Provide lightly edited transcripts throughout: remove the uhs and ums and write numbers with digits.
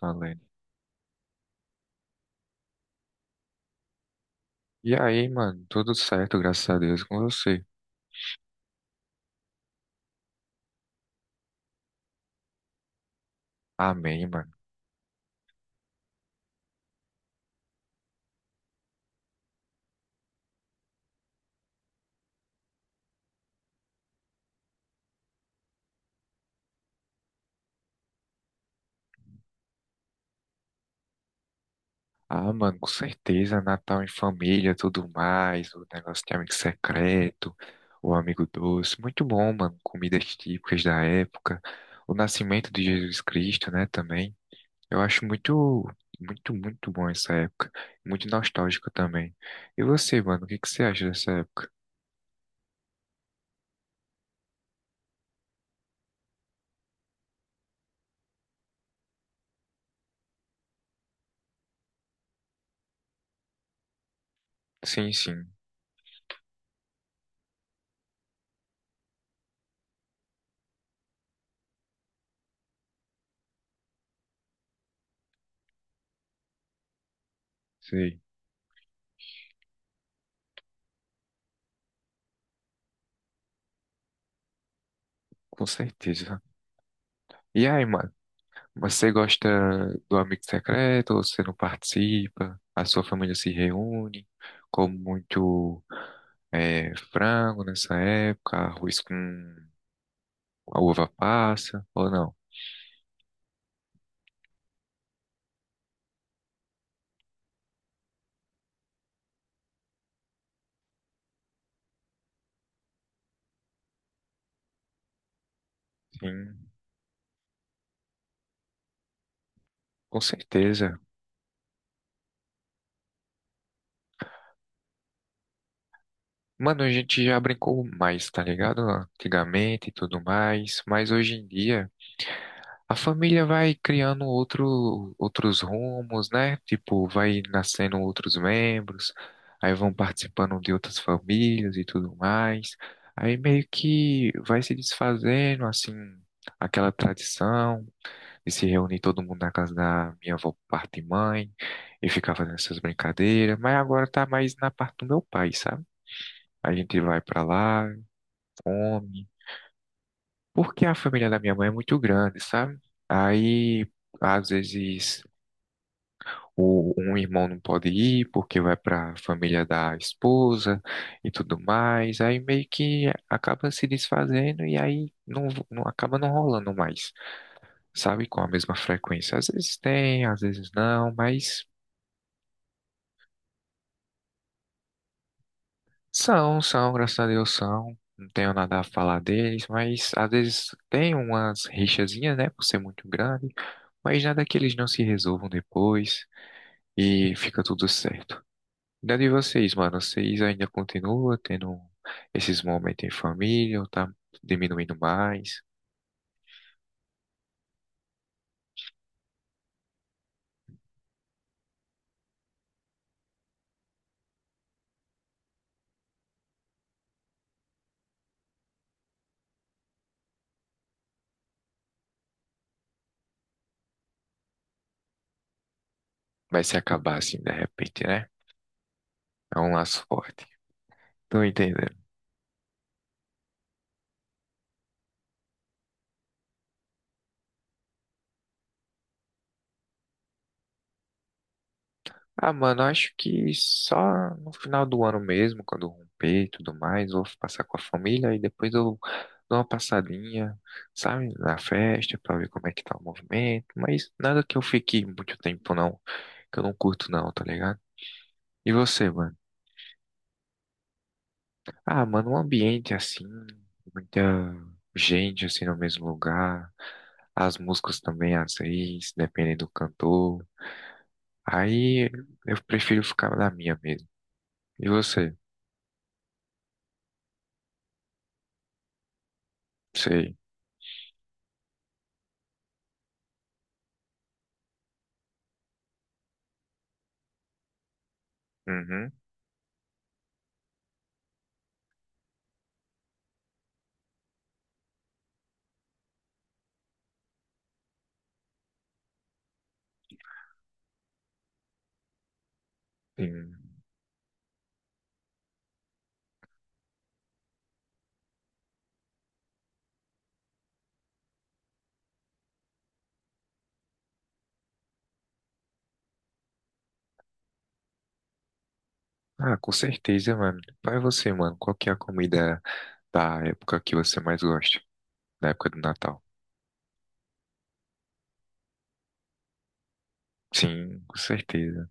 Valendo. E aí, mano, tudo certo, graças a Deus, com você. Amém, mano. Ah, mano, com certeza, Natal em família, tudo mais, o negócio de amigo secreto, o amigo doce, muito bom, mano, comidas típicas da época, o nascimento de Jesus Cristo, né, também. Eu acho muito, muito, muito bom essa época, muito nostálgico também. E você, mano, o que que você acha dessa época? Sim, sim, sei, com certeza. E aí, mano? Mas você gosta do Amigo Secreto ou você não participa? A sua família se reúne, come muito frango nessa época, arroz com a uva passa, ou não? Sim, com certeza. Mano, a gente já brincou mais, tá ligado? Antigamente e tudo mais, mas hoje em dia. A família vai criando outros rumos, né? Tipo, vai nascendo outros membros, aí vão participando de outras famílias e tudo mais. Aí meio que vai se desfazendo, assim, aquela tradição de se reunir todo mundo na casa da minha avó por parte de mãe e ficar fazendo essas brincadeiras. Mas agora tá mais na parte do meu pai, sabe? A gente vai pra lá, come. Porque a família da minha mãe é muito grande, sabe? Aí, às vezes, um irmão não pode ir porque vai para a família da esposa e tudo mais. Aí meio que acaba se desfazendo e aí não, não acaba não rolando mais, sabe? Com a mesma frequência. Às vezes tem, às vezes não, mas são, são, graças a Deus são. Não tenho nada a falar deles, mas às vezes tem umas rixazinhas, né? Por ser muito grande, mas nada que eles não se resolvam depois. E fica tudo certo. E de vocês, mano, vocês ainda continuam tendo esses momentos em família ou tá diminuindo mais? Vai se acabar assim de repente, né? É um laço forte. Tô entendendo. Ah, mano, acho que só no final do ano mesmo, quando romper e tudo mais, vou passar com a família e depois eu dou uma passadinha, sabe, na festa pra ver como é que tá o movimento, mas nada que eu fique muito tempo não, que eu não curto não, tá ligado? E você, mano? Ah, mano, um ambiente assim, muita gente assim no mesmo lugar, as músicas também às vezes, dependendo do cantor. Aí eu prefiro ficar na minha mesmo. E você? Sei. Uhum. Sim. Ah, com certeza, mano. Vai você, mano. Qual que é a comida da época que você mais gosta? Da época do Natal? Sim, com certeza.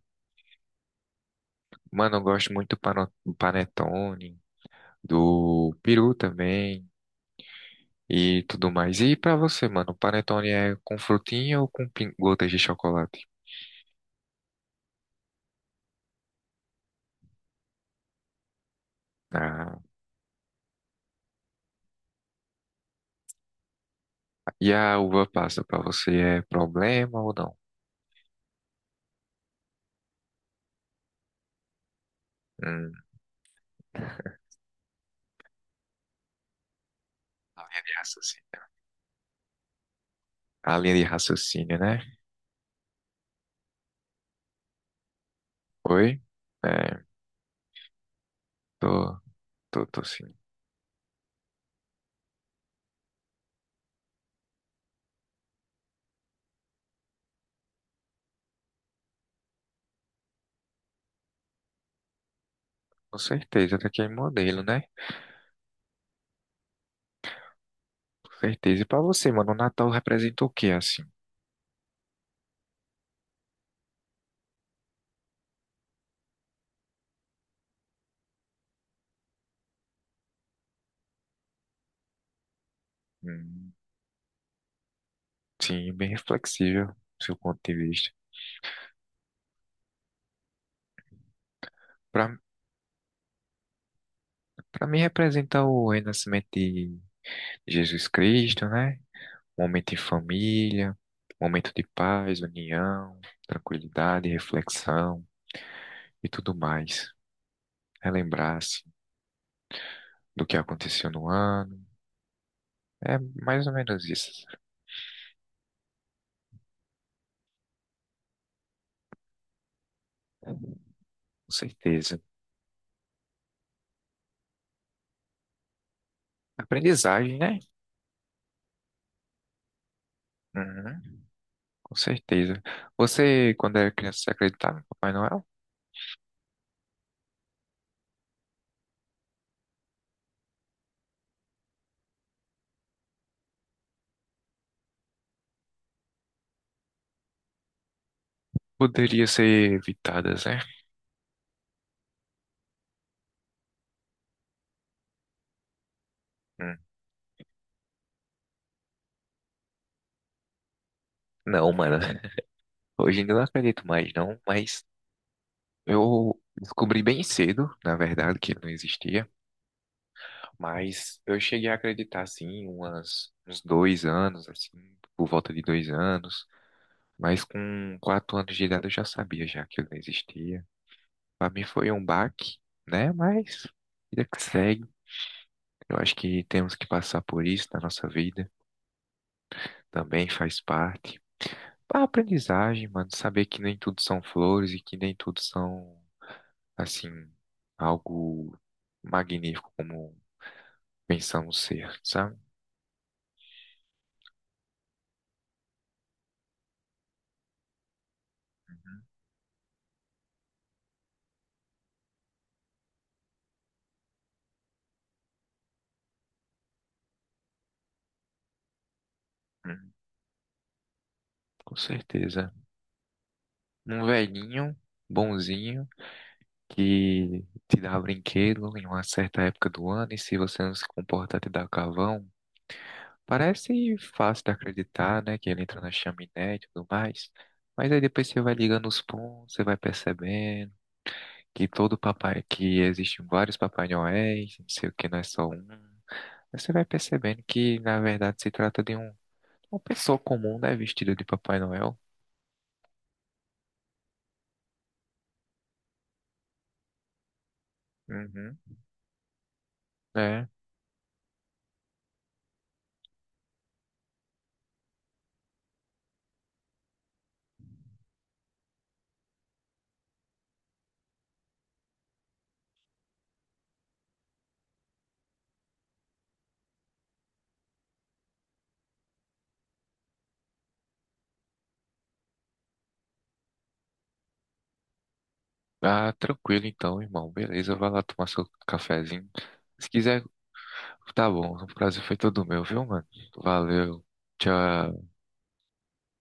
Mano, eu gosto muito do panetone, do peru também. E tudo mais. E pra você, mano, panetone é com frutinha ou com gotas de chocolate? Ah, e a uva passa pra você é problema ou não? Hum, a linha de raciocínio. A linha de raciocínio, né? Oi? É, tô, tô, tô sim. Com certeza, tá aqui é modelo, né? Com certeza. E pra você, mano, o Natal representa o quê, assim? Hum, sim, bem reflexível, do seu ponto de vista. Pra, pra mim representa o renascimento de Jesus Cristo, né? Momento em família, momento de paz, união, tranquilidade, reflexão e tudo mais. Relembrar-se do que aconteceu no ano. É mais ou menos isso, com certeza. Aprendizagem, né? Uhum, com certeza. Você, quando era criança, você acreditava em Papai Noel? Poderia ser evitadas, né? Hum, não, mano. Hoje ainda não acredito mais, não. Mas eu descobri bem cedo, na verdade, que ele não existia. Mas eu cheguei a acreditar, assim, umas, uns 2 anos, assim, por volta de 2 anos. Mas com 4 anos de idade eu já sabia já que ele não existia. Para mim foi um baque, né? Mas vida que segue. Eu acho que temos que passar por isso na nossa vida. Também faz parte. A aprendizagem, mano, saber que nem tudo são flores e que nem tudo são, assim, algo magnífico como pensamos ser, sabe? Hum, com certeza. Um velhinho, bonzinho, que te dá brinquedo em uma certa época do ano, e se você não se comportar, te dá carvão. Parece fácil de acreditar, né? Que ele entra na chaminé e tudo mais. Mas aí depois você vai ligando os pontos, você vai percebendo que todo papai, que existem vários Papai Noéis, não sei o que, não é só um. Aí você vai percebendo que, na verdade, se trata de um, uma pessoa comum, né? Vestida de Papai Noel. Uhum. É. Ah, tranquilo então, irmão. Beleza, vai lá tomar seu cafezinho. Se quiser, tá bom. O prazer foi todo meu, viu, mano? Valeu. Tchau.